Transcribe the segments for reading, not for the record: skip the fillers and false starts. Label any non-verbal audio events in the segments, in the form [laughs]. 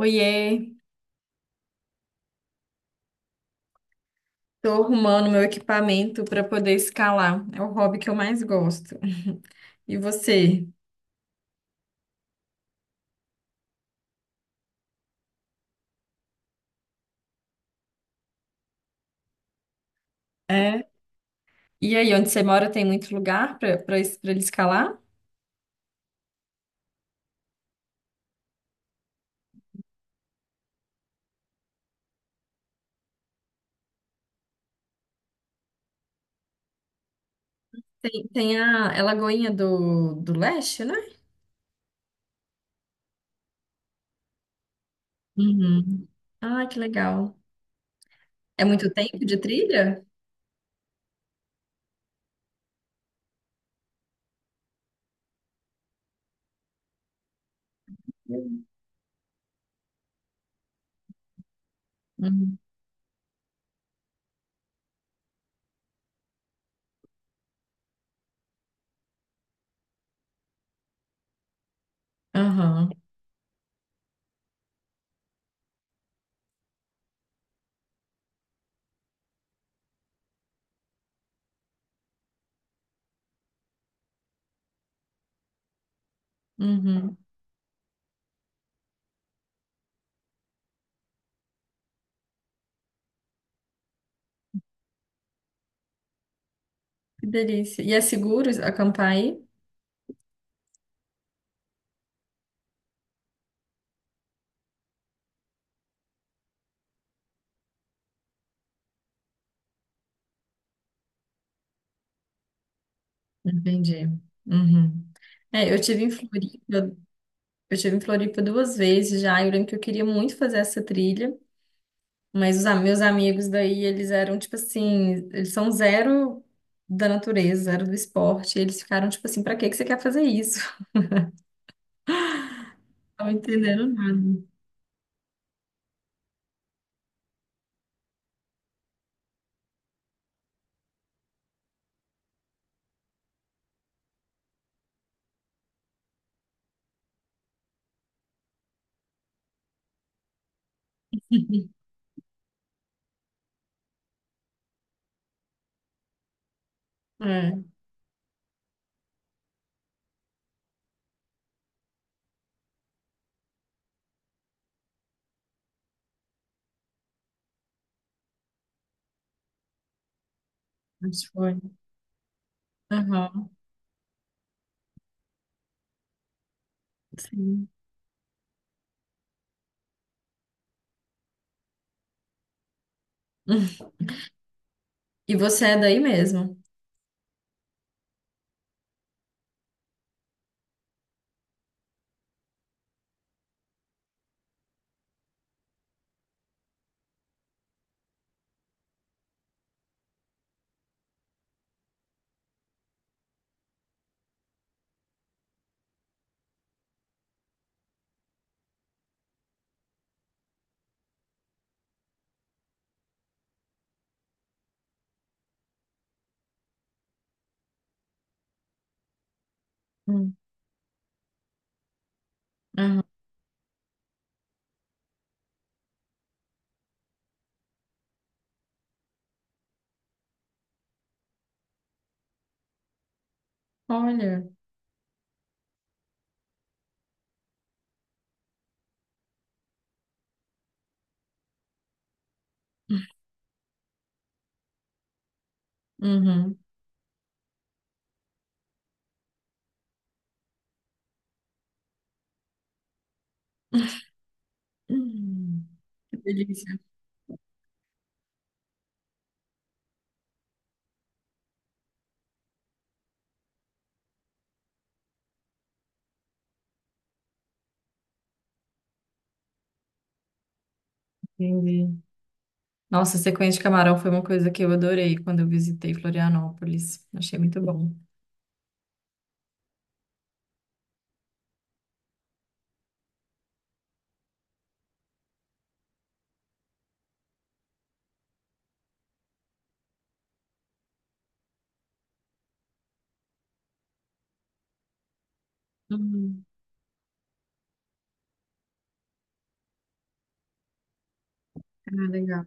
Oiê, tô arrumando meu equipamento para poder escalar. É o hobby que eu mais gosto. [laughs] E você? É? E aí, onde você mora tem muito lugar para ele escalar? Tem, é Lagoinha do Leste, né? Uhum. Ah, que legal. É muito tempo de trilha? Uhum. Uhum. Aham. Uhum. Que delícia. E é seguro acampar aí? Entendi. Uhum. É, eu tive em Floripa. Eu estive em Floripa duas vezes já. E eu lembro que eu queria muito fazer essa trilha, mas meus amigos daí, eles eram tipo assim, eles são zero da natureza, zero do esporte. E eles ficaram tipo assim, pra que que você quer fazer isso? [laughs] Não entenderam nada. É, acho que foi. Aham, sim. [laughs] E você é daí mesmo? Hum, aham. Olha. Uhum. Hum. Que delícia. Entendi. Nossa, sequência de camarão foi uma coisa que eu adorei quando eu visitei Florianópolis. Achei muito bom. Uhum. Ah, legal.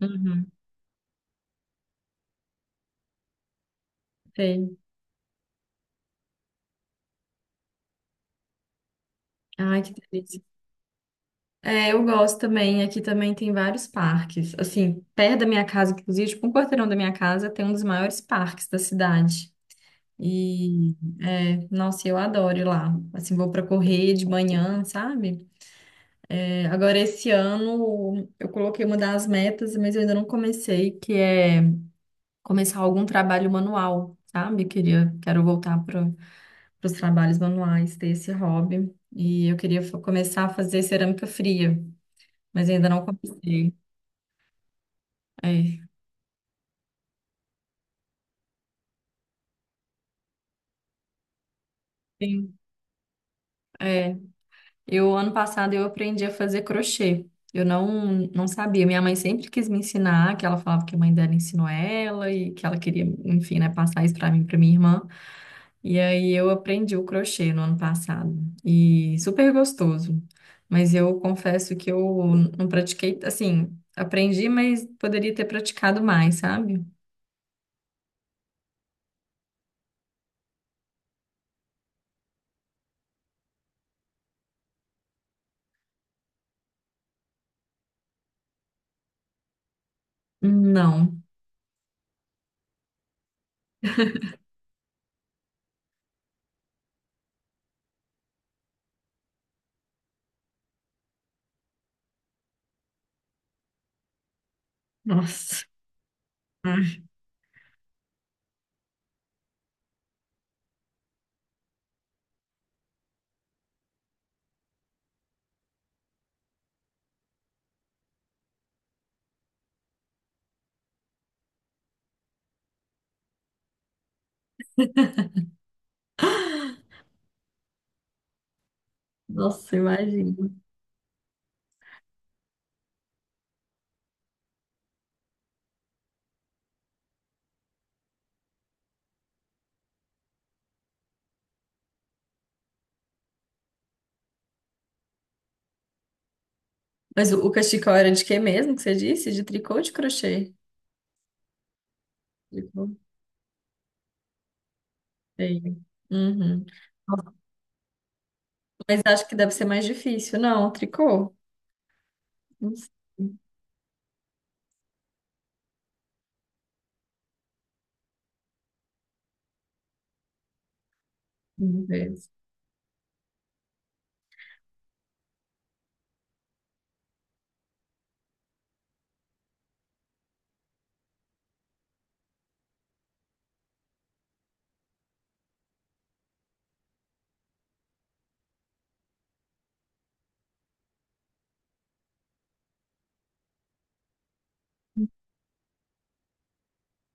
Uhum. Sei. Ai, que delícia. É, eu gosto também. Aqui também tem vários parques. Assim, perto da minha casa, inclusive, tipo, um quarteirão da minha casa tem um dos maiores parques da cidade. E, é, nossa, eu adoro ir lá. Assim, vou para correr de manhã, sabe? É, agora, esse ano, eu coloquei uma das metas, mas eu ainda não comecei, que é começar algum trabalho manual, sabe? Queria, quero voltar para os trabalhos manuais, ter esse hobby. E eu queria começar a fazer cerâmica fria, mas ainda não comecei. É. Sim. É. Eu, ano passado, eu aprendi a fazer crochê. Eu não, não sabia. Minha mãe sempre quis me ensinar, que ela falava que a mãe dela ensinou ela e que ela queria, enfim, né, passar isso para mim, para minha irmã. E aí eu aprendi o crochê no ano passado. E super gostoso. Mas eu confesso que eu não pratiquei, assim, aprendi, mas poderia ter praticado mais, sabe? Não. Nossa. Ai. Nossa, imagina. Mas o cachecol era de quê mesmo que você disse? De tricô ou de crochê? De crochê. Uhum. Nossa. Mas acho que deve ser mais difícil. Não, tricô? Não sei. Vamos ver.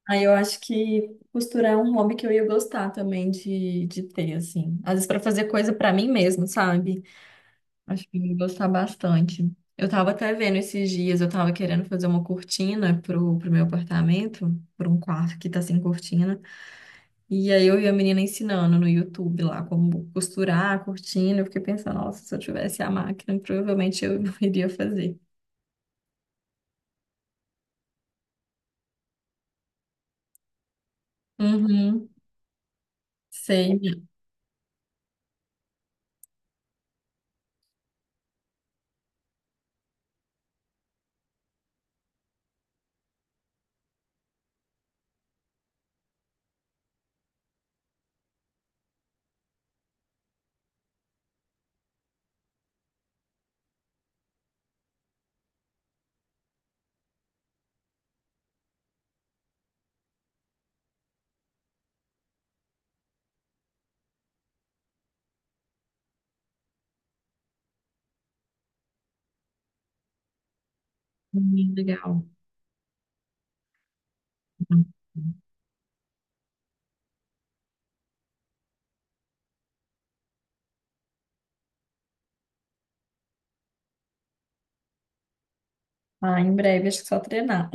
Aí eu acho que costurar é um hobby que eu ia gostar também de ter, assim. Às vezes para fazer coisa para mim mesmo, sabe? Acho que eu ia gostar bastante. Eu tava até vendo esses dias, eu tava querendo fazer uma cortina pro meu apartamento, para um quarto que tá sem cortina. E aí eu vi a menina ensinando no YouTube lá como costurar a cortina. Eu fiquei pensando, nossa, se eu tivesse a máquina, provavelmente eu [laughs] iria fazer. Uhum, sei, né? Legal. Ah, em breve, acho que só treinar.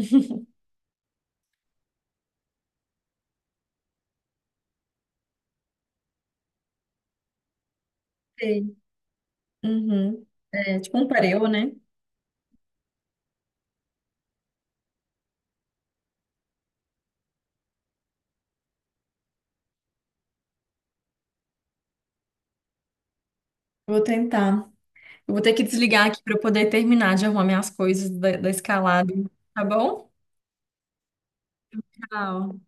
Sei. Uhum. É tipo um pareu, né? Vou tentar. Eu vou ter que desligar aqui para eu poder terminar de arrumar minhas coisas da escalada, tá bom? Tchau.